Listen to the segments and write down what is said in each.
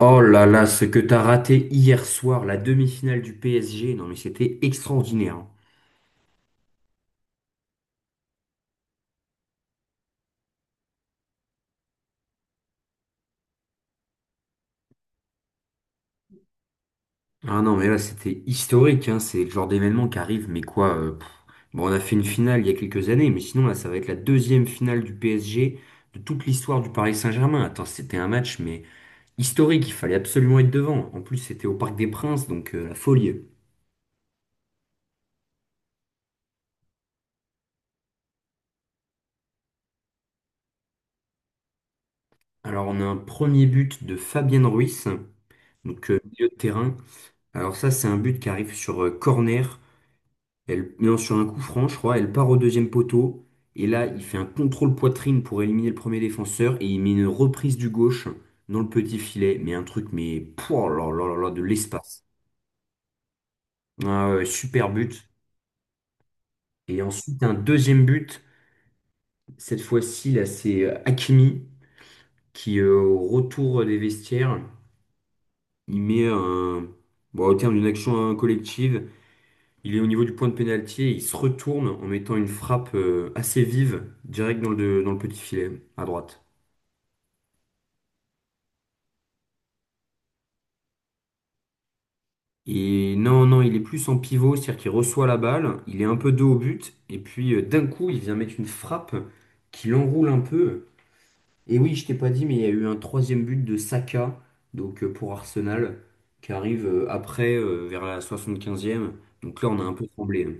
Oh là là, ce que t'as raté hier soir, la demi-finale du PSG, non mais c'était extraordinaire, hein. Ah non mais là c'était historique, hein. C'est le genre d'événement qui arrive, mais quoi pff. Bon, on a fait une finale il y a quelques années, mais sinon là ça va être la deuxième finale du PSG de toute l'histoire du Paris Saint-Germain. Attends, c'était un match mais historique, il fallait absolument être devant. En plus c'était au Parc des Princes, donc la folie. Alors on a un premier but de Fabien Ruiz, donc milieu de terrain. Alors ça c'est un but qui arrive sur corner. Elle lance sur un coup franc, je crois, elle part au deuxième poteau. Et là, il fait un contrôle poitrine pour éliminer le premier défenseur. Et il met une reprise du gauche dans le petit filet. Mais un truc, mais pouah, oh là, là, là, là, de l'espace. Ah ouais, super but. Et ensuite, un deuxième but. Cette fois-ci, là, c'est Hakimi qui, au retour des vestiaires, il met un. Bon, au terme d'une action collective, il est au niveau du point de pénalty et il se retourne en mettant une frappe assez vive, direct dans le petit filet, à droite. Et non, non, il est plus en pivot, c'est-à-dire qu'il reçoit la balle, il est un peu dos au but, et puis d'un coup, il vient mettre une frappe qui l'enroule un peu. Et oui, je t'ai pas dit, mais il y a eu un troisième but de Saka, donc pour Arsenal, qui arrive après, vers la 75e. Donc là, on a un peu tremblé, hein.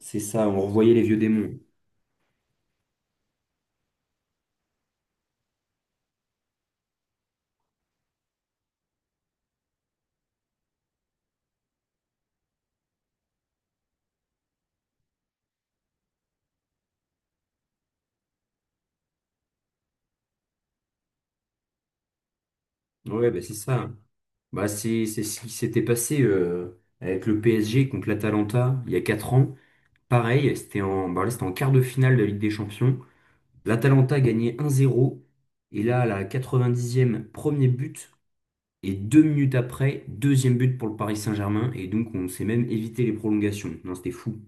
C'est ça, on revoyait les vieux démons. Ouais, bah c'est ça. Bah, c'est ce qui s'était passé avec le PSG contre l'Atalanta il y a 4 ans. Pareil, c'était c'était en quart de finale de la Ligue des Champions. L'Atalanta gagnait 1-0. Et là, à la 90e, premier but. Et deux minutes après, deuxième but pour le Paris Saint-Germain. Et donc, on s'est même évité les prolongations. Non, c'était fou.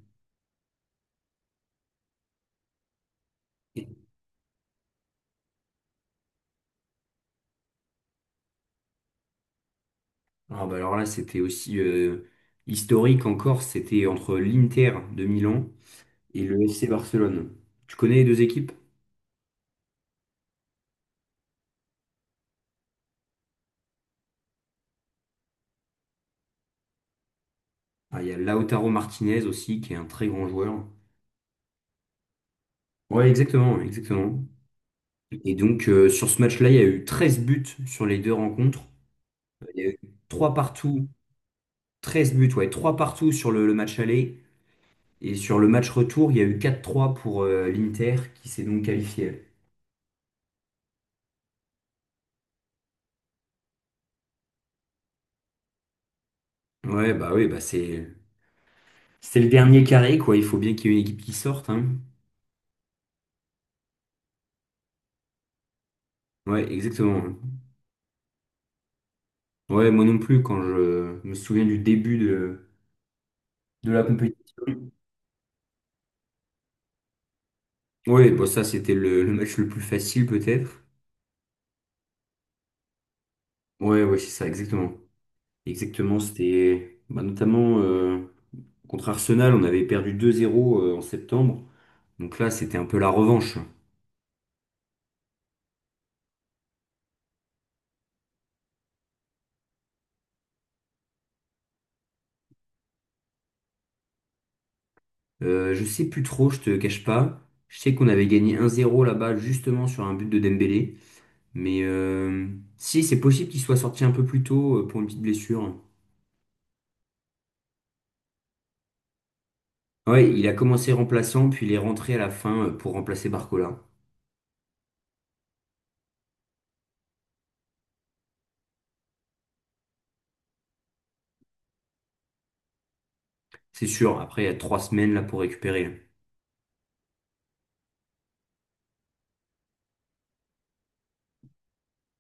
Ah, bah, alors là, c'était aussi historique encore. C'était entre l'Inter de Milan et le FC Barcelone. Tu connais les deux équipes? Ah, il y a Lautaro Martinez aussi, qui est un très grand joueur. Ouais, exactement, exactement. Et donc, sur ce match-là, il y a eu 13 buts sur les deux rencontres. Il y a eu 3 partout, 13 buts, ouais, 3 partout sur le match aller. Et sur le match retour, il y a eu quatre trois pour l'Inter, qui s'est donc qualifié. Ouais, bah oui, bah c'est le dernier carré, quoi. Il faut bien qu'il y ait une équipe qui sorte, hein. Ouais, exactement. Ouais, moi non plus, quand je me souviens de la compétition. Oui, bon, ça, c'était le match le plus facile, peut-être. Ouais, ouais, c'est ça, exactement. Exactement, c'était bah, notamment contre Arsenal, on avait perdu 2-0 en septembre. Donc là, c'était un peu la revanche. Je sais plus trop, je te cache pas. Je sais qu'on avait gagné 1-0 là-bas, justement sur un but de Dembélé. Mais euh, Si, c'est possible qu'il soit sorti un peu plus tôt pour une petite blessure. Ouais, il a commencé remplaçant, puis il est rentré à la fin pour remplacer Barcola. C'est sûr, après, il y a trois semaines là pour récupérer.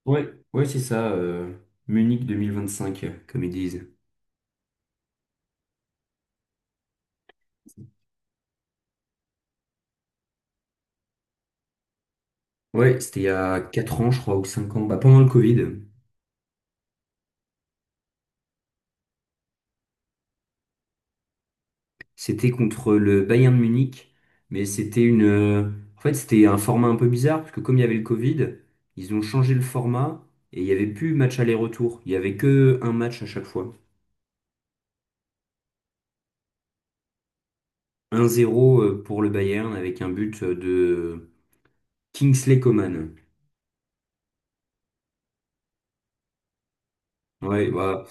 Ouais, ouais, c'est ça, Munich cinq comme ils disent. Ouais, c'était il y a 4 ans, je crois, ou 5 ans, bah, pendant le Covid. C'était contre le Bayern de Munich, mais c'était une... En fait, c'était un format un peu bizarre, parce que comme il y avait le Covid, ils ont changé le format, et il n'y avait plus match aller-retour. Il n'y avait que un match à chaque fois. Un zéro pour le Bayern, avec un but de Kingsley Coman. Ouais, bah,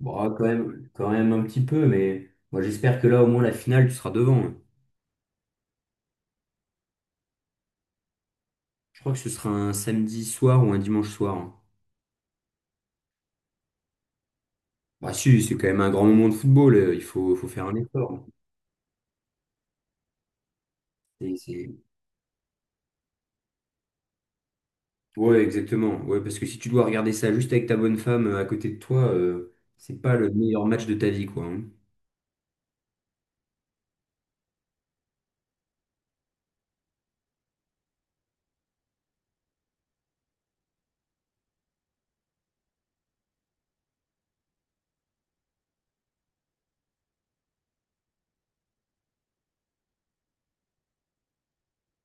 bon, quand même un petit peu, mais moi j'espère que là, au moins, la finale, tu seras devant, hein. Je crois que ce sera un samedi soir ou un dimanche soir, hein. Bah si, c'est quand même un grand moment de football, il faut, faut faire un effort. C'est- c'est- Ouais, exactement. Ouais, parce que si tu dois regarder ça juste avec ta bonne femme à côté de toi, c'est pas le meilleur match de ta vie, quoi, hein.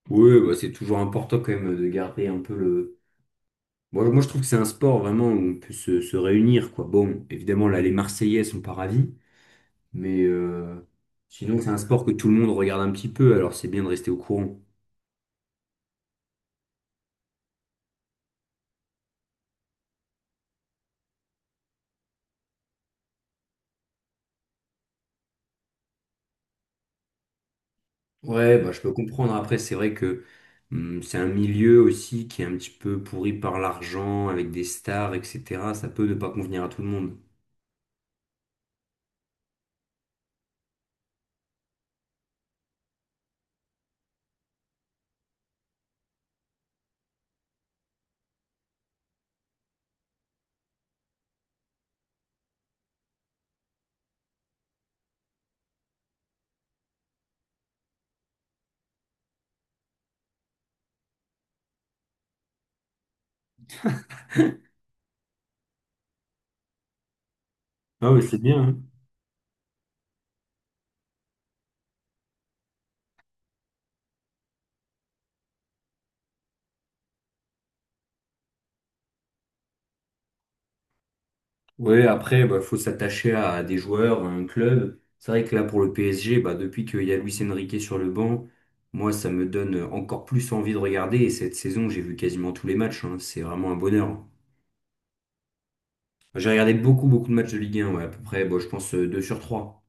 Ouais, bah, c'est toujours important quand même de garder un peu le... Moi, moi je trouve que c'est un sport vraiment où on peut se réunir, quoi. Bon, évidemment, là, les Marseillais sont pas ravis, mais euh, sinon, c'est un sport que tout le monde regarde un petit peu, alors c'est bien de rester au courant. Ouais, bah, je peux comprendre. Après, c'est vrai que c'est un milieu aussi qui est un petit peu pourri par l'argent, avec des stars, etc. Ça peut ne pas convenir à tout le monde. Ah oui, c'est bien, hein. Ouais, après, bah, faut s'attacher à des joueurs, à un club. C'est vrai que là, pour le PSG, bah, depuis qu'il y a Luis Enrique sur le banc, moi, ça me donne encore plus envie de regarder. Et cette saison, j'ai vu quasiment tous les matchs, hein. C'est vraiment un bonheur. J'ai regardé beaucoup, beaucoup de matchs de Ligue 1, ouais, à peu près, bon, je pense, 2 sur 3.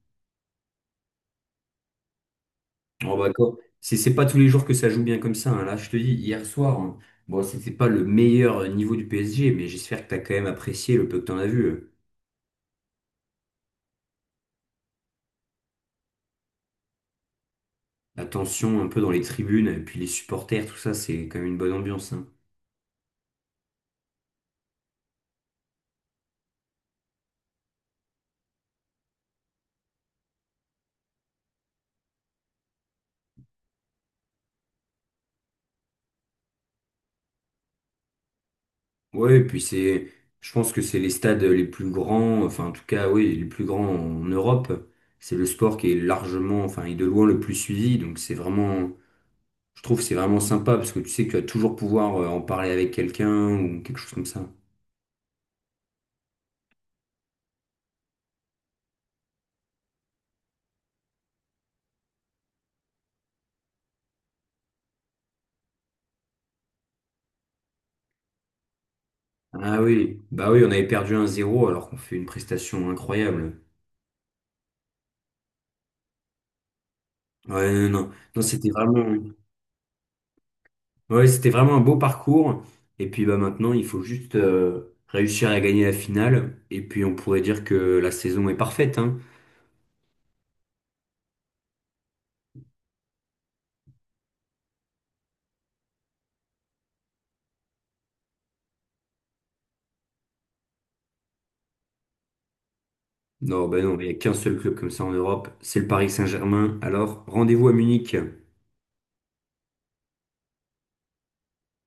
Oh bah quoi. C'est pas tous les jours que ça joue bien comme ça, hein. Là, je te dis, hier soir, hein, bon, c'était pas le meilleur niveau du PSG, mais j'espère que t'as quand même apprécié le peu que t'en as vu. La tension un peu dans les tribunes, et puis les supporters, tout ça, c'est quand même une bonne ambiance, hein. Ouais, et puis je pense que c'est les stades les plus grands, enfin en tout cas, oui, les plus grands en Europe. C'est le sport qui est largement, enfin, et de loin le plus suivi, donc c'est vraiment, je trouve que c'est vraiment sympa parce que tu sais que tu vas toujours pouvoir en parler avec quelqu'un ou quelque chose comme ça. Ah oui, bah oui, on avait perdu 1-0 alors qu'on fait une prestation incroyable. Ouais, non, non, non, c'était vraiment, ouais, c'était vraiment un beau parcours. Et puis bah maintenant, il faut juste réussir à gagner la finale. Et puis on pourrait dire que la saison est parfaite, hein. Non, bah non, il n'y a qu'un seul club comme ça en Europe, c'est le Paris Saint-Germain. Alors rendez-vous à Munich.